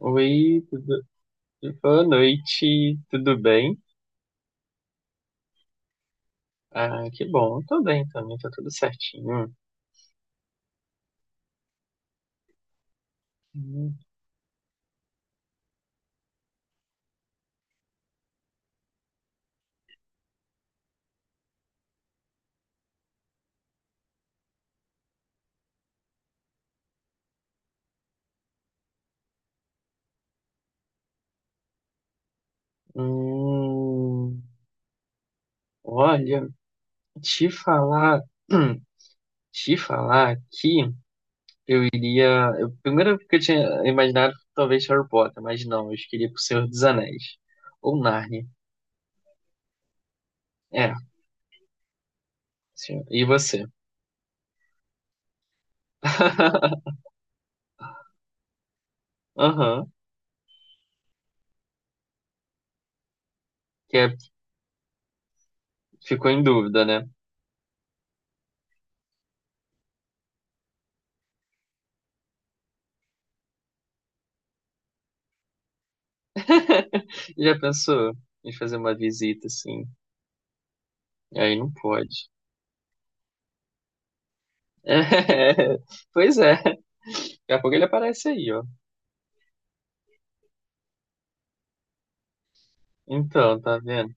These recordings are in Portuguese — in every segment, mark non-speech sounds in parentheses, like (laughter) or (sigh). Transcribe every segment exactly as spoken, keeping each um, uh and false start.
Oi, tudo... boa noite, tudo bem? Ah, que bom, eu tô bem também, tá tudo certinho. Hum, olha, te falar, (clears throat) te falar que eu iria. Eu, primeiro que eu tinha imaginado talvez Harry Potter, mas não, eu escolhi pro Senhor dos Anéis. Ou Narnia. É, sim, e você? (laughs) Aham, que é, ficou em dúvida, né? (laughs) Já pensou em fazer uma visita assim? Aí não pode. (laughs) É, pois é. Daqui a pouco ele aparece aí, ó. Então, tá vendo?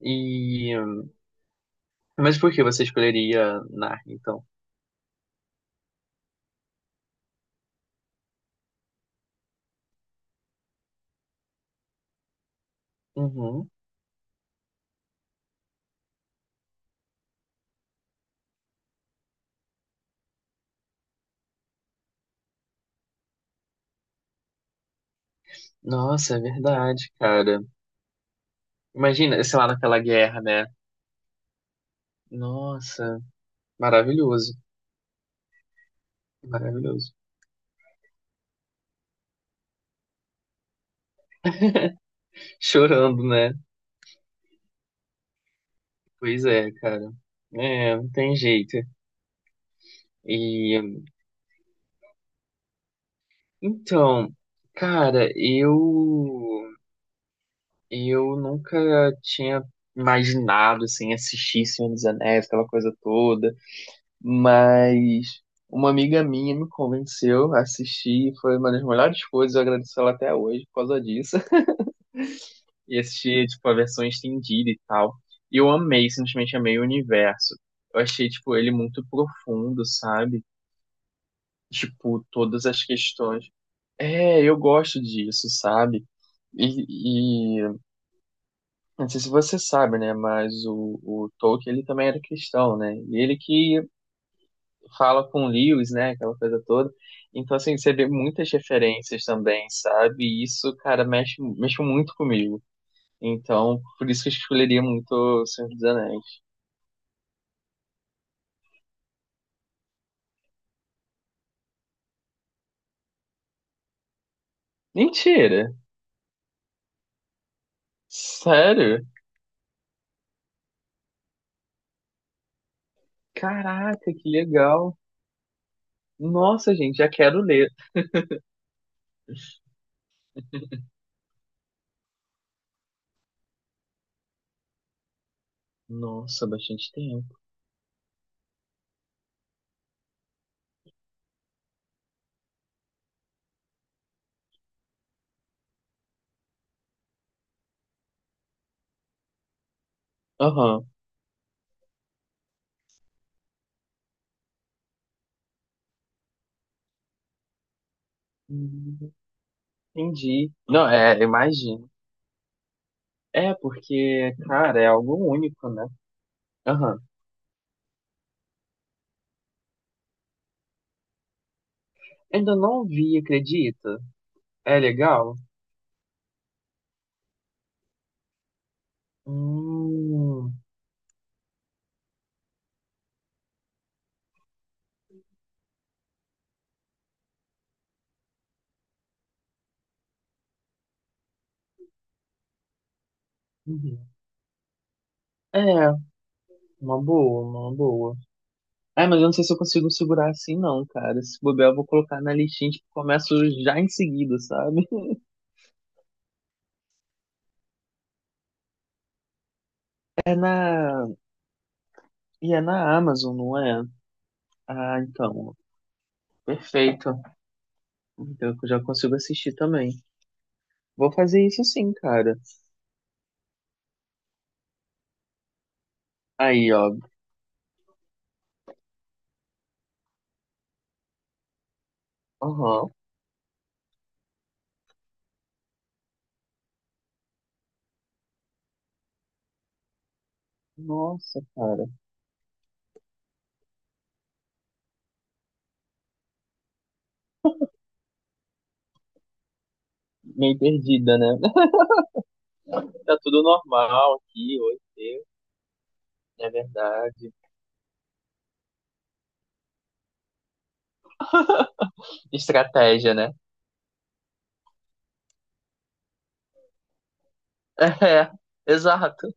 E. hum, Mas por que você escolheria Narnia, então? Uhum. Nossa, é verdade, cara. Imagina, sei lá, naquela guerra, né? Nossa, maravilhoso. Maravilhoso. Chorando, né? Pois é, cara. É, não tem jeito. E. hum, Então, cara, eu. Eu nunca tinha imaginado assim assistir Senhor dos Anéis, aquela coisa toda, mas uma amiga minha me convenceu a assistir, e foi uma das melhores coisas, eu agradeço ela até hoje por causa disso. (laughs) E assisti tipo a versão estendida e tal. E eu amei, simplesmente amei o universo. Eu achei tipo ele muito profundo, sabe? Tipo, todas as questões. É, eu gosto disso, sabe? e Não sei se você sabe, né? Mas o, o Tolkien, ele também era cristão, né? E ele que fala com Lewis, né? Aquela coisa toda. Então, assim, você vê muitas referências também, sabe? E isso, cara, mexe, mexe muito comigo. Então, por isso que eu escolheria muito O Senhor dos Anéis. Mentira! Sério? Caraca, que legal! Nossa, gente, já quero ler. Nossa, bastante tempo. Aham. Hum, entendi. Não, é, imagino. É, porque, cara, é algo único, né? Aham. Ainda não vi, acredita? É legal? Hum, uhum. É, uma boa, uma boa. É, mas eu não sei se eu consigo segurar assim, não, cara. Se bobear, eu vou colocar na listinha, tipo, começo já em seguida, sabe? (laughs) É na. E é na Amazon, não é? Ah, então. Perfeito. Então eu já consigo assistir também. Vou fazer isso sim, cara. Aí, ó. Aham. Nossa, cara. Meio perdida, né? Tá tudo normal aqui, oi, eu, é verdade. Estratégia, né? (laughs) É, exato.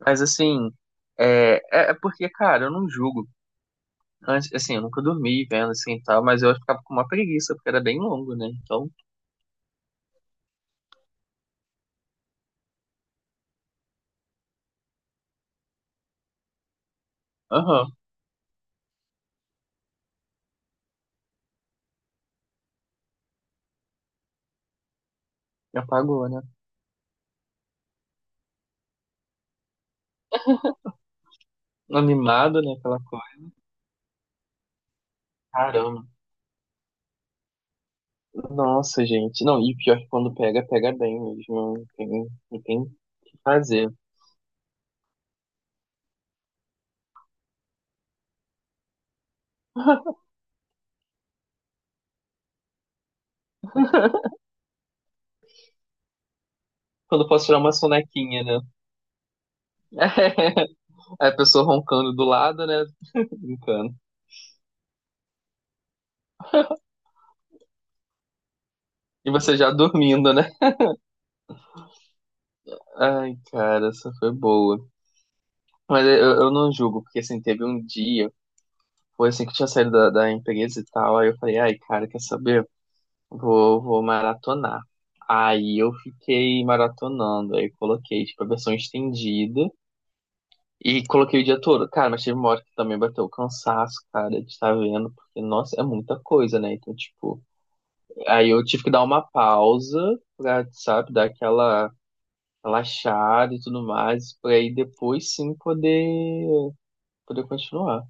Mas assim, é, é é porque, cara, eu não julgo. Antes, assim, eu nunca dormi vendo assim e tal, mas eu ficava com uma preguiça, porque era bem longo, né? Então, aham, me apagou, né? Animado, né? Aquela coisa. Caramba. Nossa, gente. Não, e pior é que quando pega, pega bem mesmo. Não tem, não tem o que fazer. (laughs) Quando eu posso tirar uma sonequinha, né? (laughs) Aí a pessoa roncando do lado, né? Brincando. E você já dormindo, né? Ai, cara, essa foi boa. Mas eu, eu não julgo, porque assim, teve um dia, foi assim que eu tinha saído da, da empresa e tal, aí eu falei, ai, cara, quer saber? Vou, vou maratonar. Aí eu fiquei maratonando, aí coloquei, tipo, a versão estendida e coloquei o dia todo. Cara, mas teve uma hora que também bateu o cansaço, cara, de estar vendo, porque, nossa, é muita coisa, né? Então, tipo, aí eu tive que dar uma pausa pra, sabe, dar aquela relaxado e tudo mais, pra aí depois sim poder, poder continuar.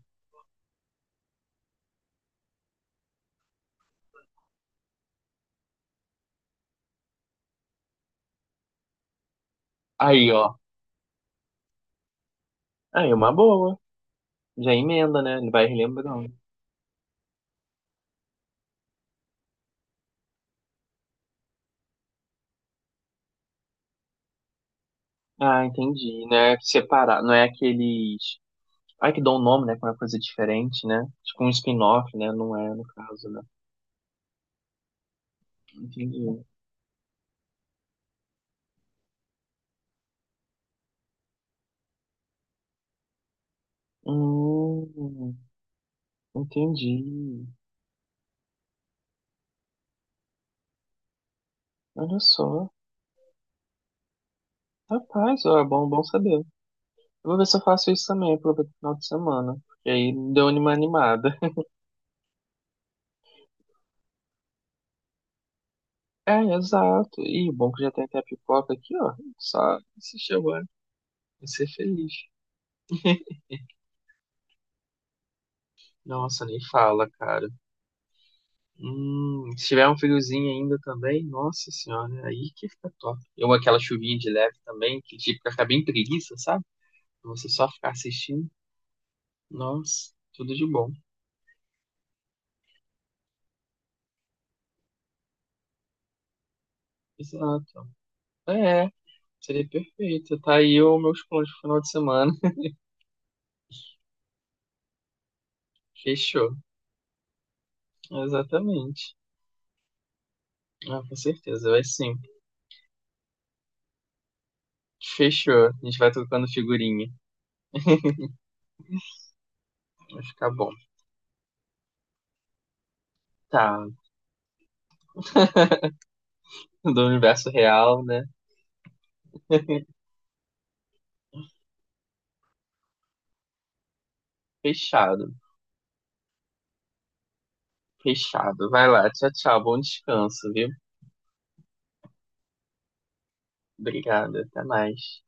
Aí, ó. Aí é uma boa. Já emenda, né? Ele vai relembrando. Ah, entendi. Não é separar, não é aqueles. Ai, que dão um nome, né? Com uma coisa diferente, né? Tipo um spin-off, né? Não é, no caso, né? Entendi. Hum, entendi. Olha só. Rapaz, ó, é bom, bom saber. Eu vou ver se eu faço isso também, aproveito o final de semana. Porque aí deu uma animada. É, exato. E bom que já tem até a pipoca aqui, ó. Só assistir agora e ser feliz. Nossa, nem fala, cara. Hum, se tiver um friozinho ainda também, nossa senhora, aí que fica top. Eu aquela chuvinha de leve também, que tipo, fica ficar bem preguiça, sabe? Pra você só ficar assistindo. Nossa, tudo de bom. Exato. É, seria perfeito. Tá aí os meus planos pro final de semana. (laughs) Fechou. Exatamente. Ah, com certeza, vai sim. Fechou. A gente vai trocando figurinha. (laughs) Vai ficar bom. Tá. (laughs) Do universo real, né? (laughs) Fechado. Fechado. Vai lá. Tchau, tchau. Bom descanso, viu? Obrigada. Até mais.